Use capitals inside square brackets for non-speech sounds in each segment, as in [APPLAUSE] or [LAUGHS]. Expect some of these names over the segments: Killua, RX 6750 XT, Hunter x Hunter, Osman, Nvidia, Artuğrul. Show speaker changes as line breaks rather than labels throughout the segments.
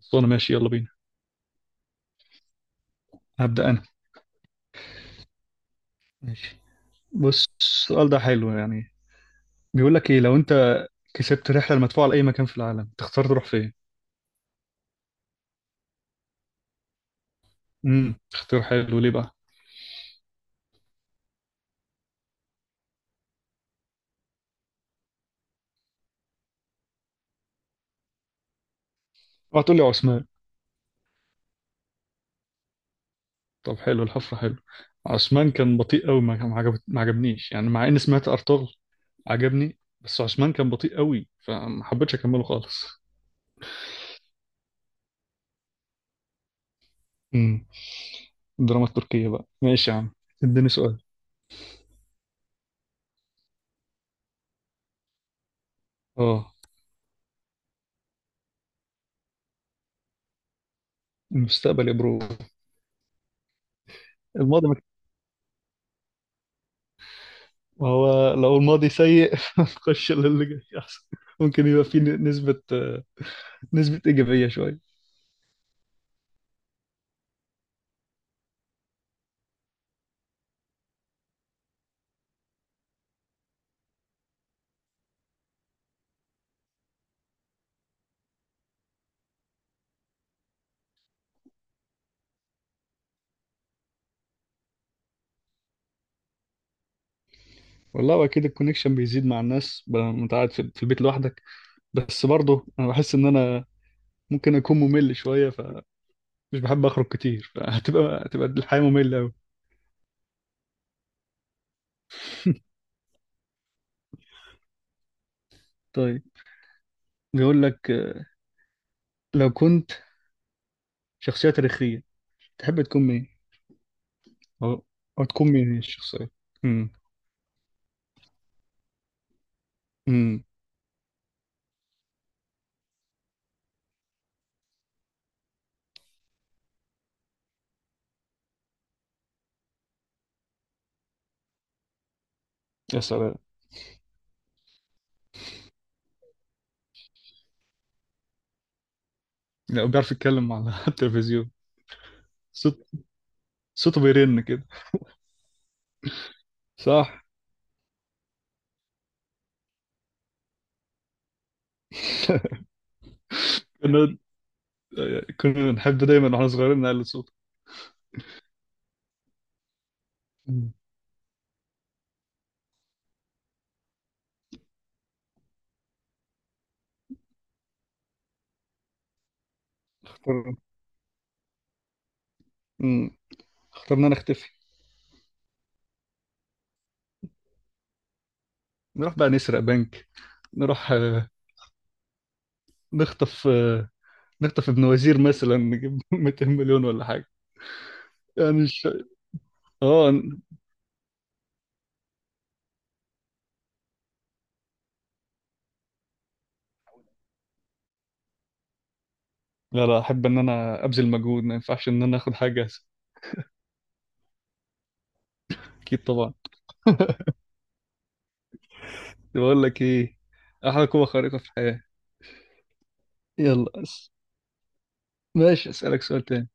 خلصانة، ماشي، يلا بينا. هبدأ أنا. ماشي. بص، السؤال ده حلو يعني. بيقول لك، إيه لو أنت كسبت رحلة المدفوعة لأي مكان في العالم تختار تروح فين؟ اختيار حلو، ليه بقى؟ اوعى تقول لي عثمان. طب حلو، الحفرة حلو. عثمان كان بطيء قوي، ما عجبنيش يعني، مع إني سمعت أرطغرل عجبني، بس عثمان كان بطيء قوي فما حبيتش أكمله خالص. امم. الدراما التركية بقى، ماشي يا عم. اديني سؤال. اه. المستقبل يا برو. الماضي. ما هو لو الماضي سيء [LAUGHS] نخش للي جاي احسن. ممكن يبقى فيه نسبة إيجابية شوية. والله أكيد الكونكشن بيزيد مع الناس بقى، لما أنت قاعد في البيت لوحدك. بس برضه أنا بحس إن أنا ممكن أكون ممل شوية، فمش بحب أخرج كتير، فهتبقى الحياة مملة أوي. [LAUGHS] طيب. بيقول لك، لو كنت شخصية تاريخية تحب تكون مين؟ أو أو تكون مين هي الشخصية؟ امم. امم، يا سلام. لا، بيعرف يتكلم على [LAUGHS] التلفزيون. صوت، صوته بيرن كده. صح. كنا كنا نحب دايما واحنا صغيرين نعلي الصوت. مم. اخترنا مم. اخترنا نختفي. نروح بقى نسرق بنك. نروح آه، نخطف آه، نخطف ابن وزير مثلا، نجيب [LAUGHS] 200 مليون ولا حاجة. يعني الش... اه. ن-. لا، لا، احب ان انا ابذل مجهود، ما ينفعش ان انا اخد حاجة. اكيد طبعا. [LAUGHS] بقول لك ايه، احلى قوة خارقة في الحياة. يلا أس... ماشي، اسألك سؤال تاني.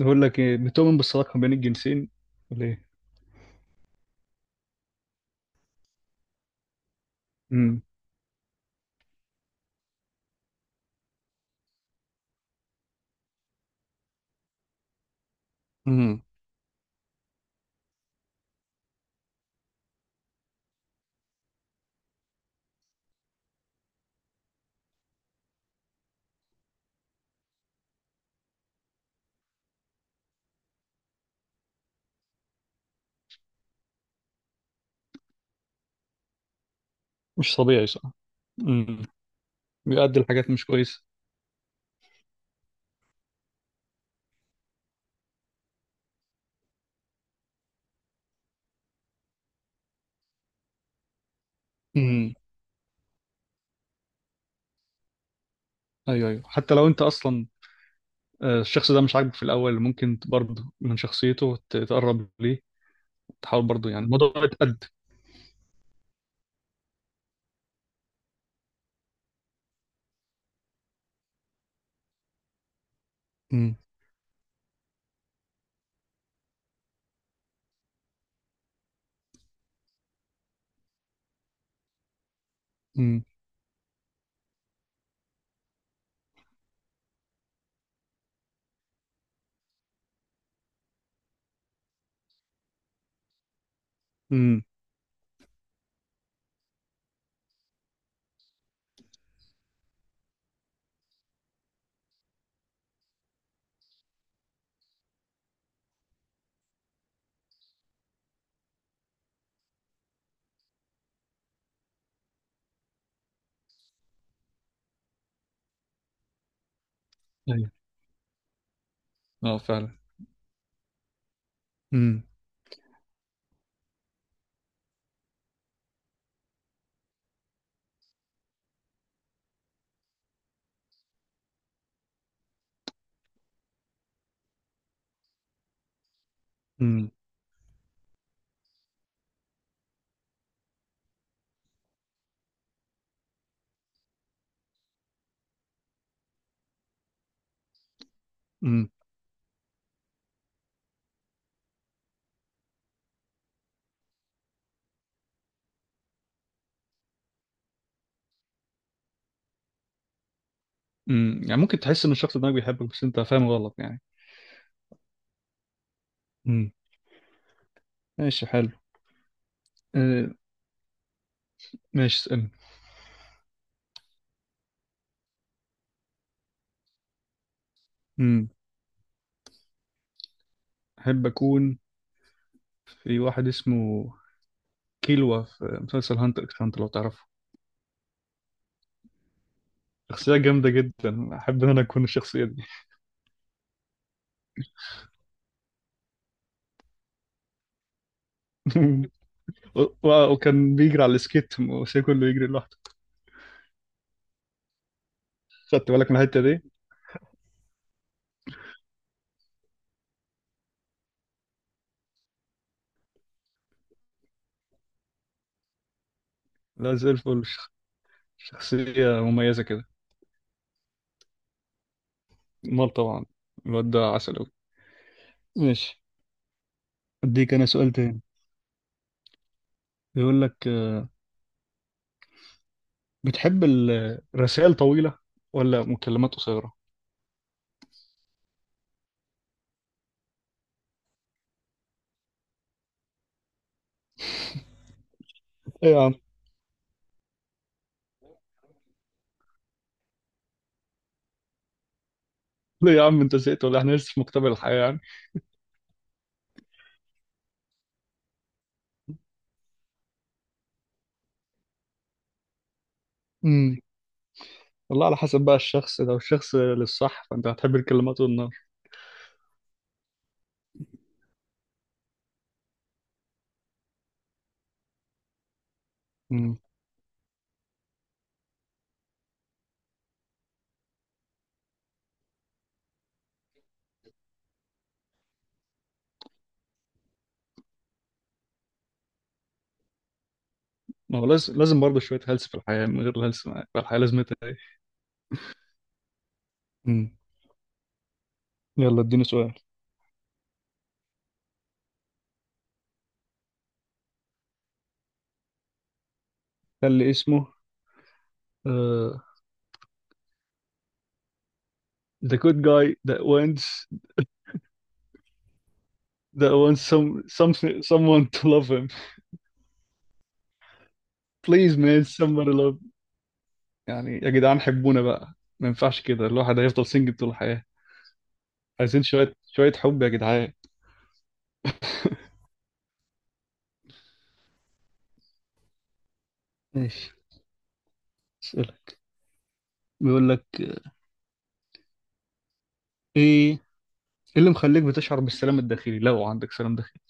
بقول لك ايه، بتؤمن بالصداقة بين الجنسين ولا ايه؟ امم مش طبيعي صح. امم. بيؤدي لحاجات مش كويسه. امم ايوه، ايوه، حتى لو انت اصلا الشخص ده مش عاجبك في الاول، ممكن برضه من شخصيته تتقرب ليه. تحاول برضه يعني الموضوع يتقد. امم امم امم ايوه، اه فعلا. امم امم امم يعني ممكن تحس ان الشخص ده بيحبك، بس انت فاهم غلط يعني. امم ماشي، حلو. آه، ماشي، اسألني. امم احب اكون في واحد اسمه كيلوا في مسلسل هانتر اكس هانتر، لو تعرفه. شخصية جامدة جدا، أحب إن أنا أكون الشخصية دي. [LAUGHS] وكان بيجري على السكيت وسي كله يجري لوحده. خدت بالك من الحتة دي؟ لا، زي الفل. شخصية مميزة كده. مال طبعا. الواد ده عسل أوي. ماشي، أديك أنا سؤال تاني. بيقول لك، بتحب الرسائل طويلة ولا مكالمات قصيرة؟ إيه يا عم؟ ليه يا عم، أنت زهقت ولا إيه؟ إحنا لسه في مقتبل الحياة يعني؟ امم والله على حسب بقى الشخص، لو الشخص للصح فأنت هتحب الكلمات والنار. ما هو لازم، لازم برضه شوية هلس في الحياة، من غير الهلس الحياة لازمتها ايه. مم. يلا، اديني سؤال. كان لي اسمه آه the good guy that wants some, someone to love him. please man somebody love. يعني يا جدعان، حبونا بقى. ما ينفعش كده، الواحد هيفضل سنجل طول الحياة. عايزين شوية شوية حب يا جدعان. ماشي، اسألك. بيقول لك، إيه اللي مخليك بتشعر بالسلام الداخلي، لو عندك سلام داخلي.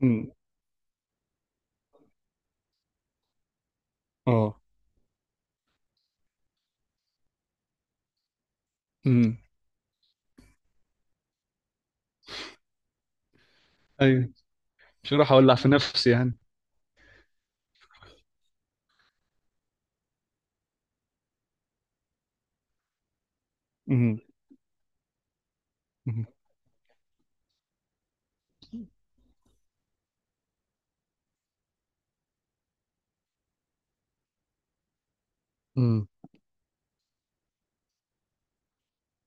مم. اه. امم ايوه، مش راح اولع في نفسي يعني. امم. امم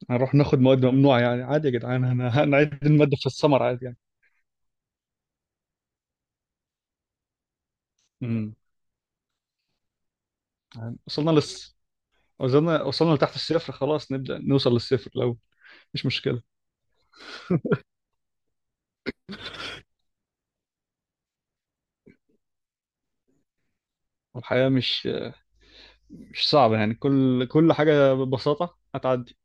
هنروح ناخد مواد ممنوعه يعني، عادي يا جدعان، هنعيد الماده في السمر عادي يعني. امم يعني وصلنا لس، وصلنا لتحت الصفر، خلاص نبدا نوصل للصفر لو مش مشكله. والحياه مش صعبه يعني، كل حاجه ببساطه هتعدي.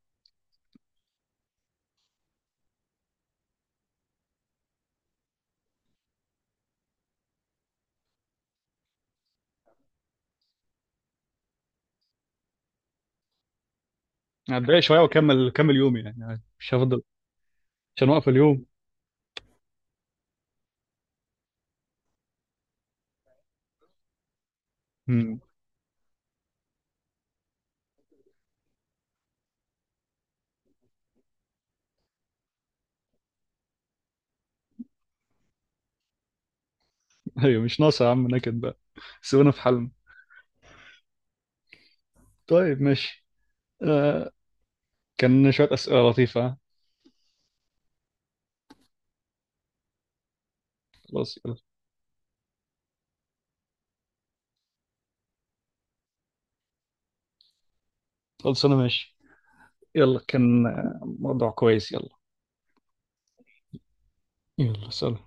هتضايق شويه واكمل يومي يعني عادي. مش هفضل. مش هنوقف اليوم. امم. [LAUGHS] ايوه، مش ناقصه يا عم نكد بقى. سيبونا في حالنا. طيب، ماشي. آه كان شويه اسئله لطيفه، ها؟ خلاص، يلا. خلاص انا ماشي. يلا، كان موضوع كويس، يلا. يلا، سلام.